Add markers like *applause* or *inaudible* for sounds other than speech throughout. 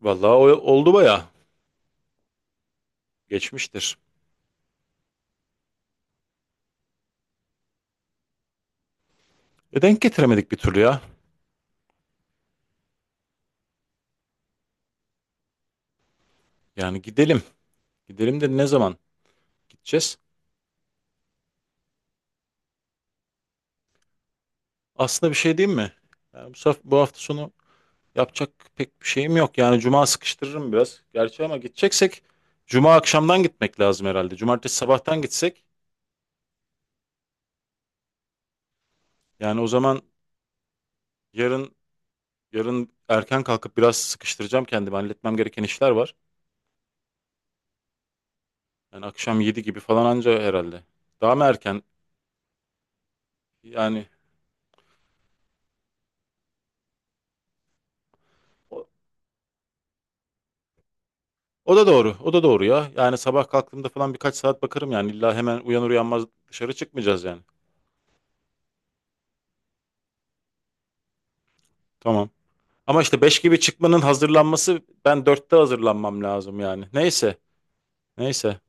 Vallahi oldu baya. Geçmiştir. E denk getiremedik bir türlü ya. Yani gidelim. Gidelim de ne zaman gideceğiz? Aslında bir şey diyeyim mi? Yani bu hafta sonu yapacak pek bir şeyim yok. Yani cuma sıkıştırırım biraz. Gerçi ama gideceksek cuma akşamdan gitmek lazım herhalde. Cumartesi sabahtan gitsek yani o zaman yarın yarın erken kalkıp biraz sıkıştıracağım kendimi. Halletmem gereken işler var. Yani akşam 7 gibi falan anca herhalde. Daha mı erken? Yani o da doğru. O da doğru ya. Yani sabah kalktığımda falan birkaç saat bakarım yani. İlla hemen uyanır uyanmaz dışarı çıkmayacağız yani. Tamam. Ama işte 5 gibi çıkmanın hazırlanması ben 4'te hazırlanmam lazım yani. Neyse. Neyse.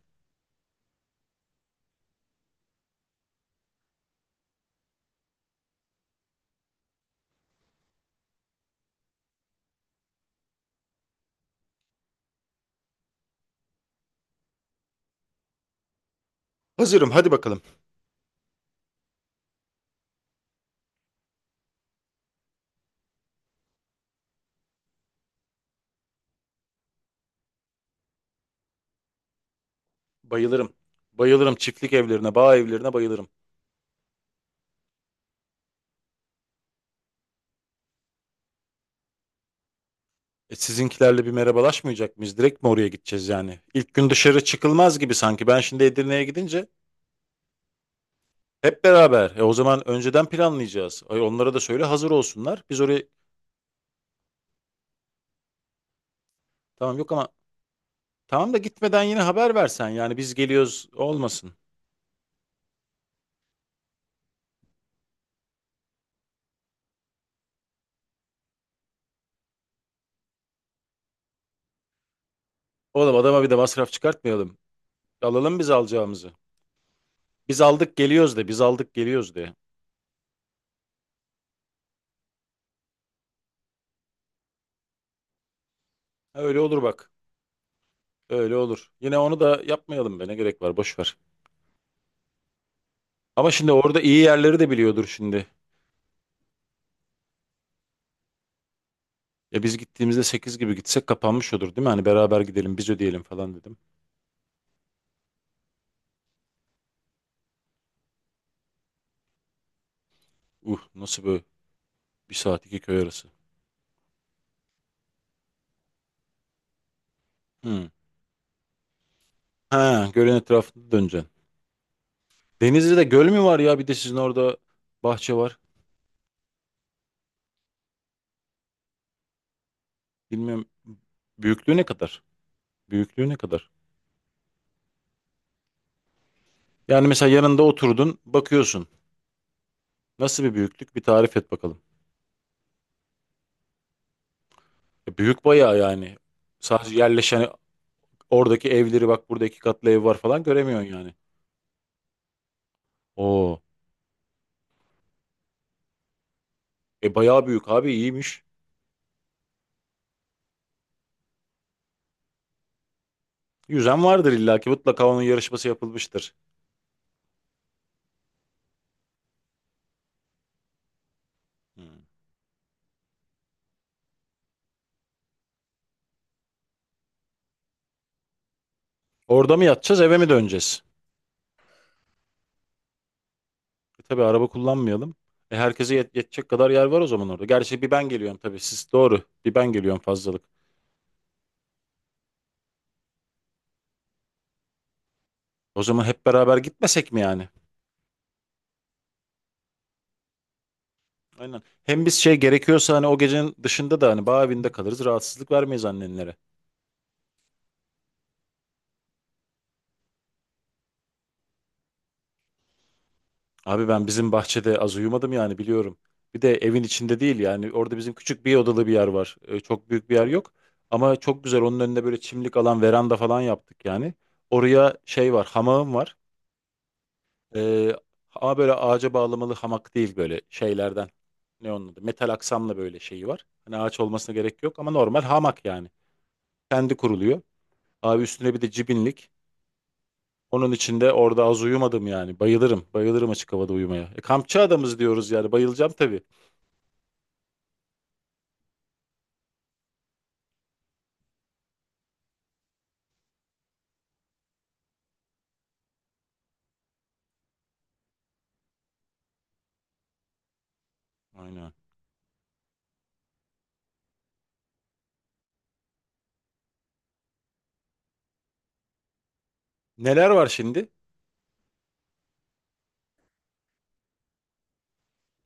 Hazırım hadi bakalım. Bayılırım. Bayılırım çiftlik evlerine, bağ evlerine bayılırım. E, sizinkilerle bir merhabalaşmayacak mıyız? Direkt mi oraya gideceğiz yani? İlk gün dışarı çıkılmaz gibi sanki. Ben şimdi Edirne'ye gidince hep beraber. E, o zaman önceden planlayacağız. Ay, onlara da söyle hazır olsunlar. Biz oraya. Tamam yok ama. Tamam da gitmeden yine haber versen yani biz geliyoruz olmasın. Oğlum adama bir de masraf çıkartmayalım. Alalım biz alacağımızı. Biz aldık geliyoruz de, biz aldık geliyoruz de. Ha, öyle olur bak. Öyle olur. Yine onu da yapmayalım be, ne gerek var, boş ver. Ama şimdi orada iyi yerleri de biliyordur şimdi. E biz gittiğimizde 8 gibi gitsek kapanmış olur değil mi? Hani beraber gidelim biz ödeyelim falan dedim. Nasıl böyle bir saat iki köy arası. Hmm. Ha, gölün etrafında döneceksin. Denizli'de göl mü var ya, bir de sizin orada bahçe var. Bilmiyorum, büyüklüğü ne kadar? Büyüklüğü ne kadar? Yani mesela yanında oturdun, bakıyorsun. Nasıl bir büyüklük? Bir tarif et bakalım. E, büyük bayağı yani. Sadece yerleşen oradaki evleri, bak burada iki katlı ev var falan göremiyorsun yani. Oo. E bayağı büyük abi, iyiymiş. Yüzen vardır illa ki, mutlaka onun yarışması yapılmıştır. Hmm. Orada mı yatacağız, eve mi döneceğiz? E tabii, araba kullanmayalım. E herkese yetecek kadar yer var o zaman orada. Gerçi bir ben geliyorum tabii, siz doğru. Bir ben geliyorum fazlalık. O zaman hep beraber gitmesek mi yani? Aynen. Hem biz, şey gerekiyorsa hani, o gecenin dışında da hani bağ evinde kalırız. Rahatsızlık vermeyiz annenlere. Abi ben bizim bahçede az uyumadım yani, biliyorum. Bir de evin içinde değil yani, orada bizim küçük bir odalı bir yer var. Çok büyük bir yer yok. Ama çok güzel, onun önünde böyle çimlik alan, veranda falan yaptık yani. Oraya şey var, hamağım var. Ee, ama böyle ağaca bağlamalı hamak değil, böyle şeylerden. Ne onun adı? Metal aksamla böyle şeyi var. Hani ağaç olmasına gerek yok ama, normal hamak yani. Kendi kuruluyor. Abi üstüne bir de cibinlik. Onun için de orada az uyumadım yani. Bayılırım. Bayılırım açık havada uyumaya. E, kampçı adamız diyoruz yani. Bayılacağım tabii. Aynen. Neler var şimdi?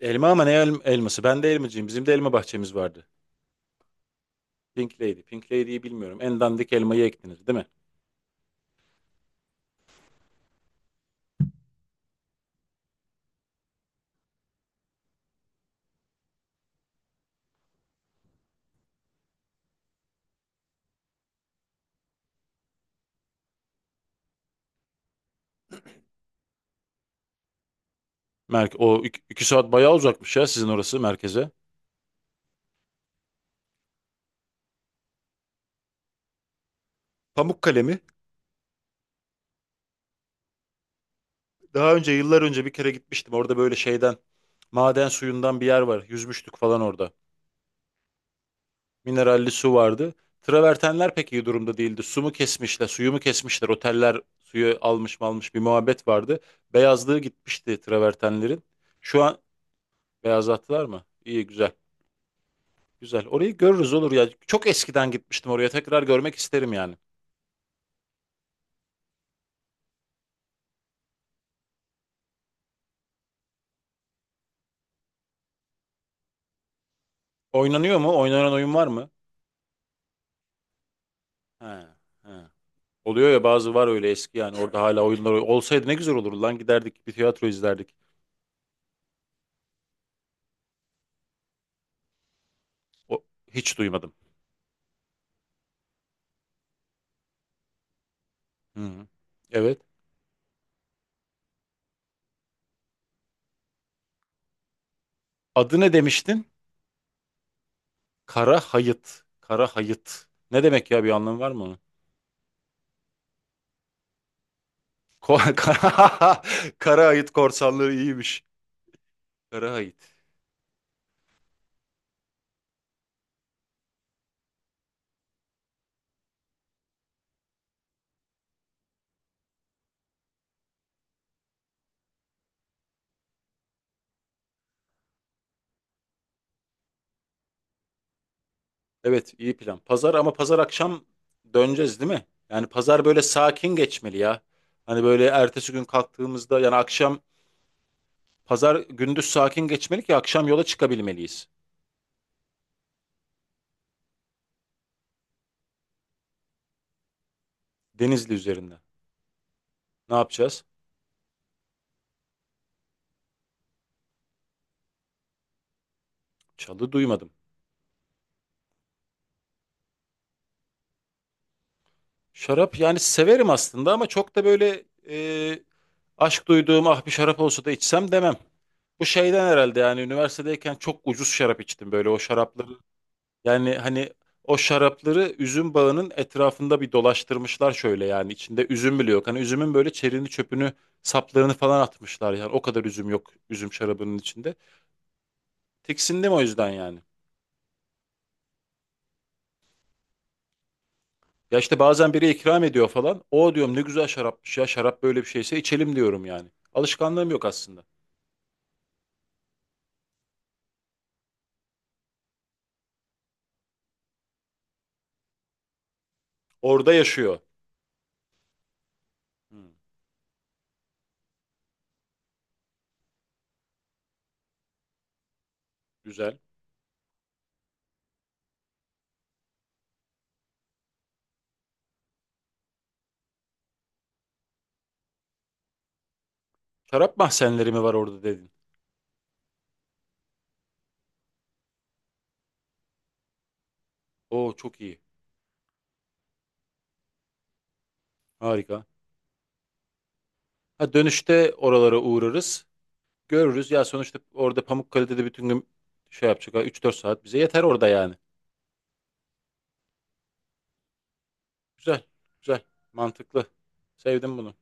Elma ama ne elması? Ben de elmacıyım. Bizim de elma bahçemiz vardı. Pink Lady. Pink Lady'yi bilmiyorum. En dandik elmayı eklenir değil mi? O 2 saat bayağı uzakmış ya sizin orası merkeze. Pamukkale mi? Daha önce, yıllar önce bir kere gitmiştim. Orada böyle şeyden, maden suyundan bir yer var. Yüzmüştük falan orada. Mineralli su vardı. Travertenler pek iyi durumda değildi. Su mu kesmişler, suyu mu kesmişler? Oteller suyu almış mı almış, bir muhabbet vardı. Beyazlığı gitmişti travertenlerin. Şu an beyazlattılar mı? İyi, güzel. Güzel. Orayı görürüz olur ya. Çok eskiden gitmiştim oraya. Tekrar görmek isterim yani. Oynanıyor mu? Oynanan oyun var mı? He, he. Oluyor ya, bazı var öyle eski yani. Orada hala oyunlar olsaydı ne güzel olurdu lan. Giderdik, bir tiyatro izlerdik. O, hiç duymadım. Hı. Hı. Evet. Adı ne demiştin? Kara hayıt. Kara hayıt. Ne demek ya, bir anlamı var mı onun? *laughs* Kara, kara hayıt korsanlığı iyiymiş. Kara hayıt. Evet, iyi plan. Pazar, ama pazar akşam döneceğiz değil mi? Yani pazar böyle sakin geçmeli ya. Hani böyle ertesi gün kalktığımızda yani, akşam, pazar gündüz sakin geçmeli ki akşam yola çıkabilmeliyiz. Denizli üzerinde. Ne yapacağız? Çalı duymadım. Şarap yani severim aslında ama çok da böyle aşk duyduğum, ah bir şarap olsa da içsem demem. Bu şeyden herhalde yani, üniversitedeyken çok ucuz şarap içtim, böyle o şarapları. Yani hani o şarapları üzüm bağının etrafında bir dolaştırmışlar şöyle yani, içinde üzüm bile yok. Hani üzümün böyle çerini çöpünü saplarını falan atmışlar yani, o kadar üzüm yok üzüm şarabının içinde. Tiksindim o yüzden yani. Ya işte bazen biri ikram ediyor falan. O diyorum ne güzel şarapmış ya, şarap böyle bir şeyse içelim diyorum yani. Alışkanlığım yok aslında. Orada yaşıyor. Hmm. Güzel. Şarap mahzenleri mi var orada dedin? Oo, çok iyi. Harika. Ha, dönüşte oralara uğrarız. Görürüz. Ya sonuçta orada Pamukkale'de de bütün gün şey yapacak. 3-4 saat bize yeter orada yani. Güzel. Güzel. Mantıklı. Sevdim bunu.